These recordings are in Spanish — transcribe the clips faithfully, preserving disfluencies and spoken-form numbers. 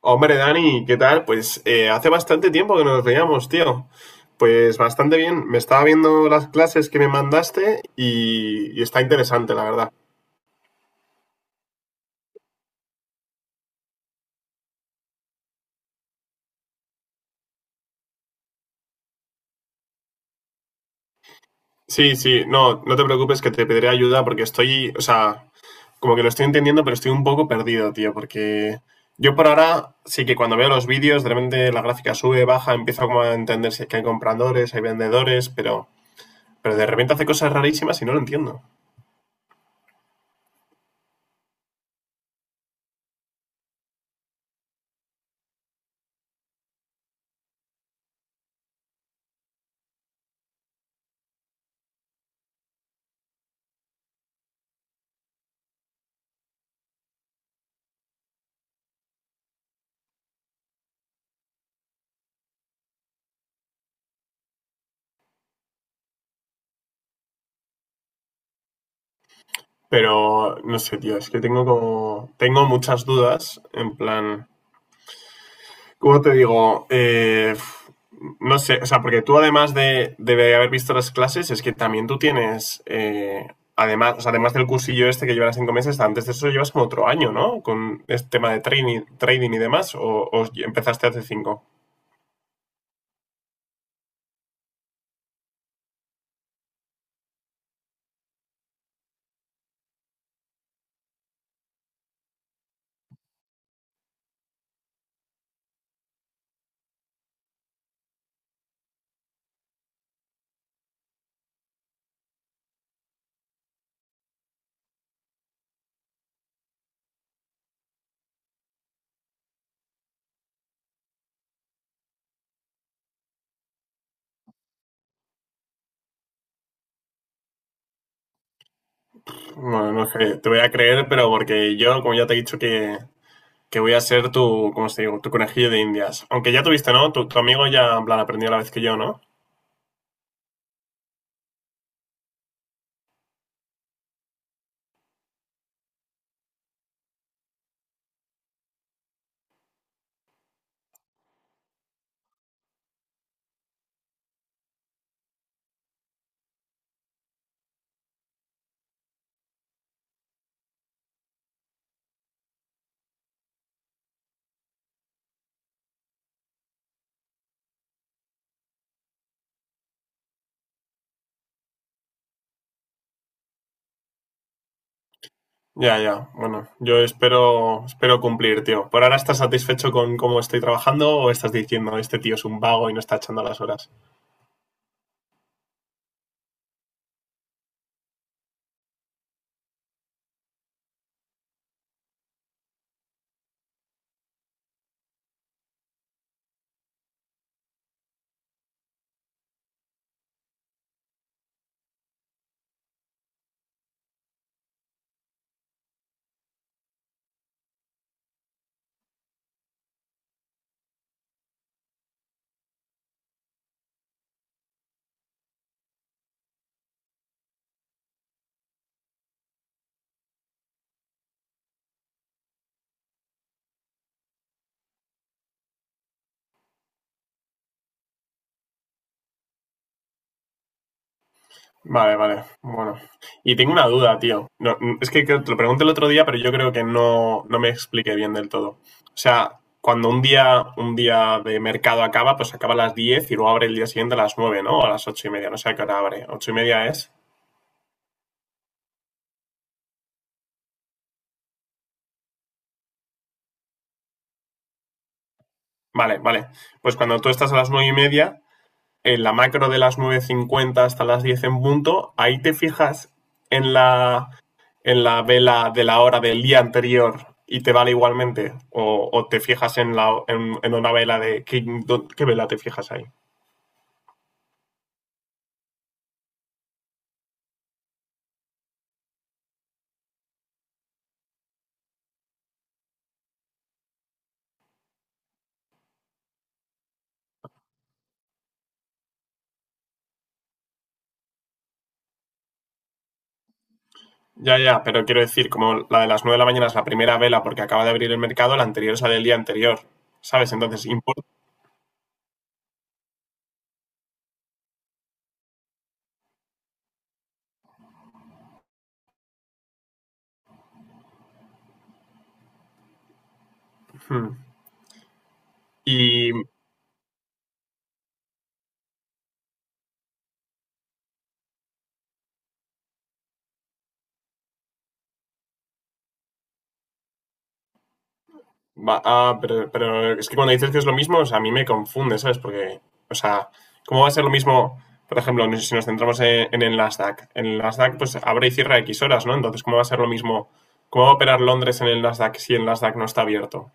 Hombre, Dani, ¿qué tal? Pues eh, hace bastante tiempo que no nos veíamos, tío. Pues bastante bien. Me estaba viendo las clases que me mandaste y, y está interesante, la verdad. Sí, sí, no, no te preocupes que te pediré ayuda porque estoy, o sea, como que lo estoy entendiendo, pero estoy un poco perdido, tío, porque yo por ahora sí que cuando veo los vídeos, de repente la gráfica sube, baja, empiezo como a entender si es que hay compradores, hay vendedores, pero, pero de repente hace cosas rarísimas y no lo entiendo. Pero no sé, tío, es que tengo como. Tengo muchas dudas. En plan. ¿Cómo te digo? Eh, no sé, o sea, porque tú además de, de haber visto las clases, es que también tú tienes. Eh, además, o sea, además del cursillo este que llevas cinco meses, antes de eso llevas como otro año, ¿no? Con este tema de training, trading y demás, o, o empezaste hace cinco. Bueno, no no sé, te voy a creer, pero porque yo, como ya te he dicho que que voy a ser tu, ¿cómo se digo? Tu conejillo de indias. Aunque ya tuviste, ¿no? Tu, tu amigo ya, en plan, aprendió la vez que yo, ¿no? Ya, ya. Bueno, yo espero, espero cumplir, tío. ¿Por ahora estás satisfecho con cómo estoy trabajando o estás diciendo este tío es un vago y no está echando las horas? Vale, vale. Bueno. Y tengo una duda, tío. No, es que creo- te lo pregunté el otro día, pero yo creo que no, no me expliqué bien del todo. O sea, cuando un día, un día de mercado acaba, pues acaba a las diez y luego abre el día siguiente a las nueve, ¿no? O a las ocho y media. No sé a qué hora abre. ¿Ocho y media es? Vale, vale. Pues cuando tú estás a las nueve y media, en la macro de las nueve cincuenta hasta las diez en punto, ahí te fijas en la, en la vela de la hora del día anterior y te vale igualmente. O, o te fijas en, la, en, en una vela de... ¿Qué, dó- ¿Qué vela te fijas ahí? Ya, ya, pero quiero decir, como la de las nueve de la mañana es la primera vela porque acaba de abrir el mercado, la anterior es la del día anterior, ¿sabes? Entonces, importa. Hmm. Y Va- ah, pero, pero es que cuando dices que es lo mismo, o sea, a mí me confunde, ¿sabes? Porque, o sea, ¿cómo va a ser lo mismo? Por ejemplo, no sé si nos centramos en, en el Nasdaq. En el Nasdaq, pues abre y cierra X horas, ¿no? Entonces, ¿cómo va a ser lo mismo? ¿Cómo va a operar Londres en el Nasdaq si el Nasdaq no está abierto?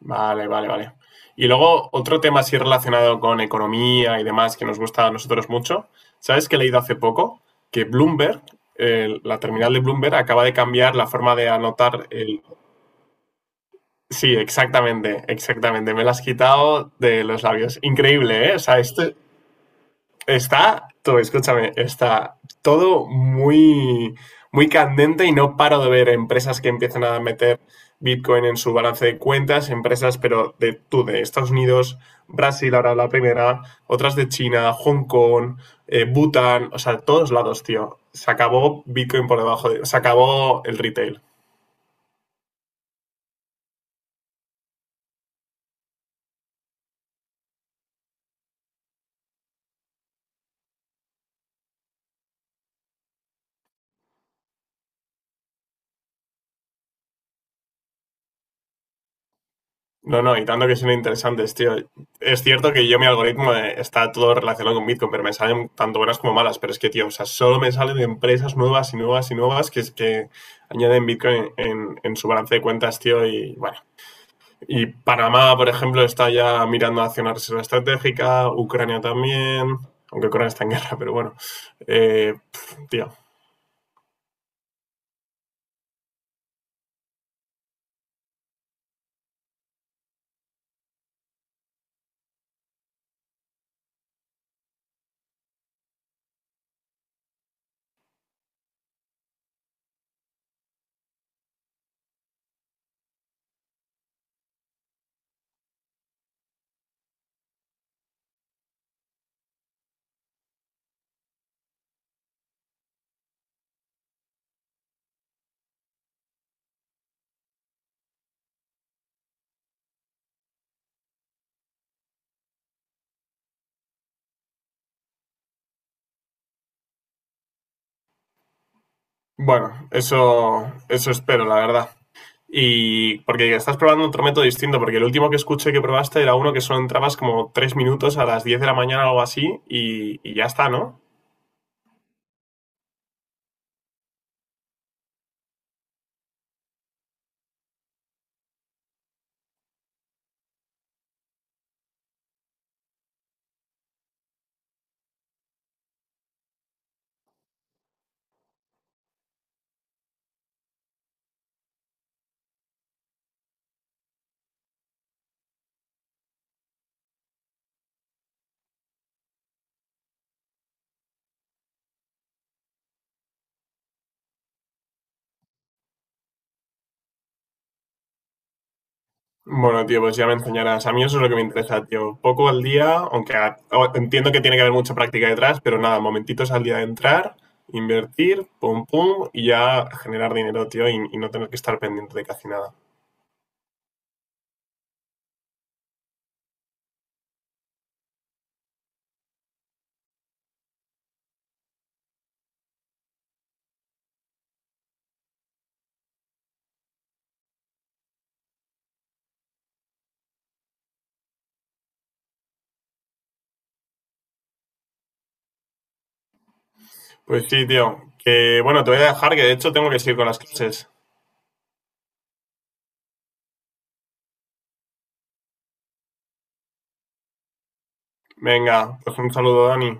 Vale, vale, vale. Y luego, otro tema así relacionado con economía y demás que nos gusta a nosotros mucho. ¿Sabes que he leído hace poco? Que Bloomberg, eh, la terminal de Bloomberg, acaba de cambiar la forma de anotar. Sí, exactamente, exactamente. Me lo has quitado de los labios. Increíble, ¿eh? O sea, esto está, todo, escúchame, está todo muy, muy candente y no paro de ver empresas que empiezan a meter Bitcoin en su balance de cuentas, empresas, pero de tú, de Estados Unidos, Brasil ahora la primera, otras de China, Hong Kong, eh, Bután, o sea, todos lados, tío. Se acabó Bitcoin por debajo de, se acabó el retail. No, no, y tanto que son interesantes, tío. Es cierto que yo mi algoritmo eh, está todo relacionado con Bitcoin, pero me salen tanto buenas como malas. Pero es que, tío, o sea, solo me salen empresas nuevas y nuevas y nuevas que, es que añaden Bitcoin en, en su balance de cuentas, tío. Y bueno, y Panamá, por ejemplo, está ya mirando hacia una reserva estratégica, Ucrania también, aunque Ucrania está en guerra, pero bueno. Eh, pf, tío. Bueno, eso, eso espero, la verdad. Y porque estás probando otro método distinto, porque el último que escuché que probaste era uno que solo entrabas como tres minutos a las diez de la mañana o algo así y, y ya está, ¿no? Bueno, tío, pues ya me enseñarás. A mí eso es lo que me interesa, tío. Poco al día, aunque a- o- entiendo que tiene que haber mucha práctica detrás, pero nada, momentitos al día de entrar, invertir, pum, pum, y ya generar dinero, tío, y, y no tener que estar pendiente de casi nada. Pues sí, tío, que bueno, te voy a dejar, que de hecho tengo que seguir con las clases. Venga, pues un saludo, Dani.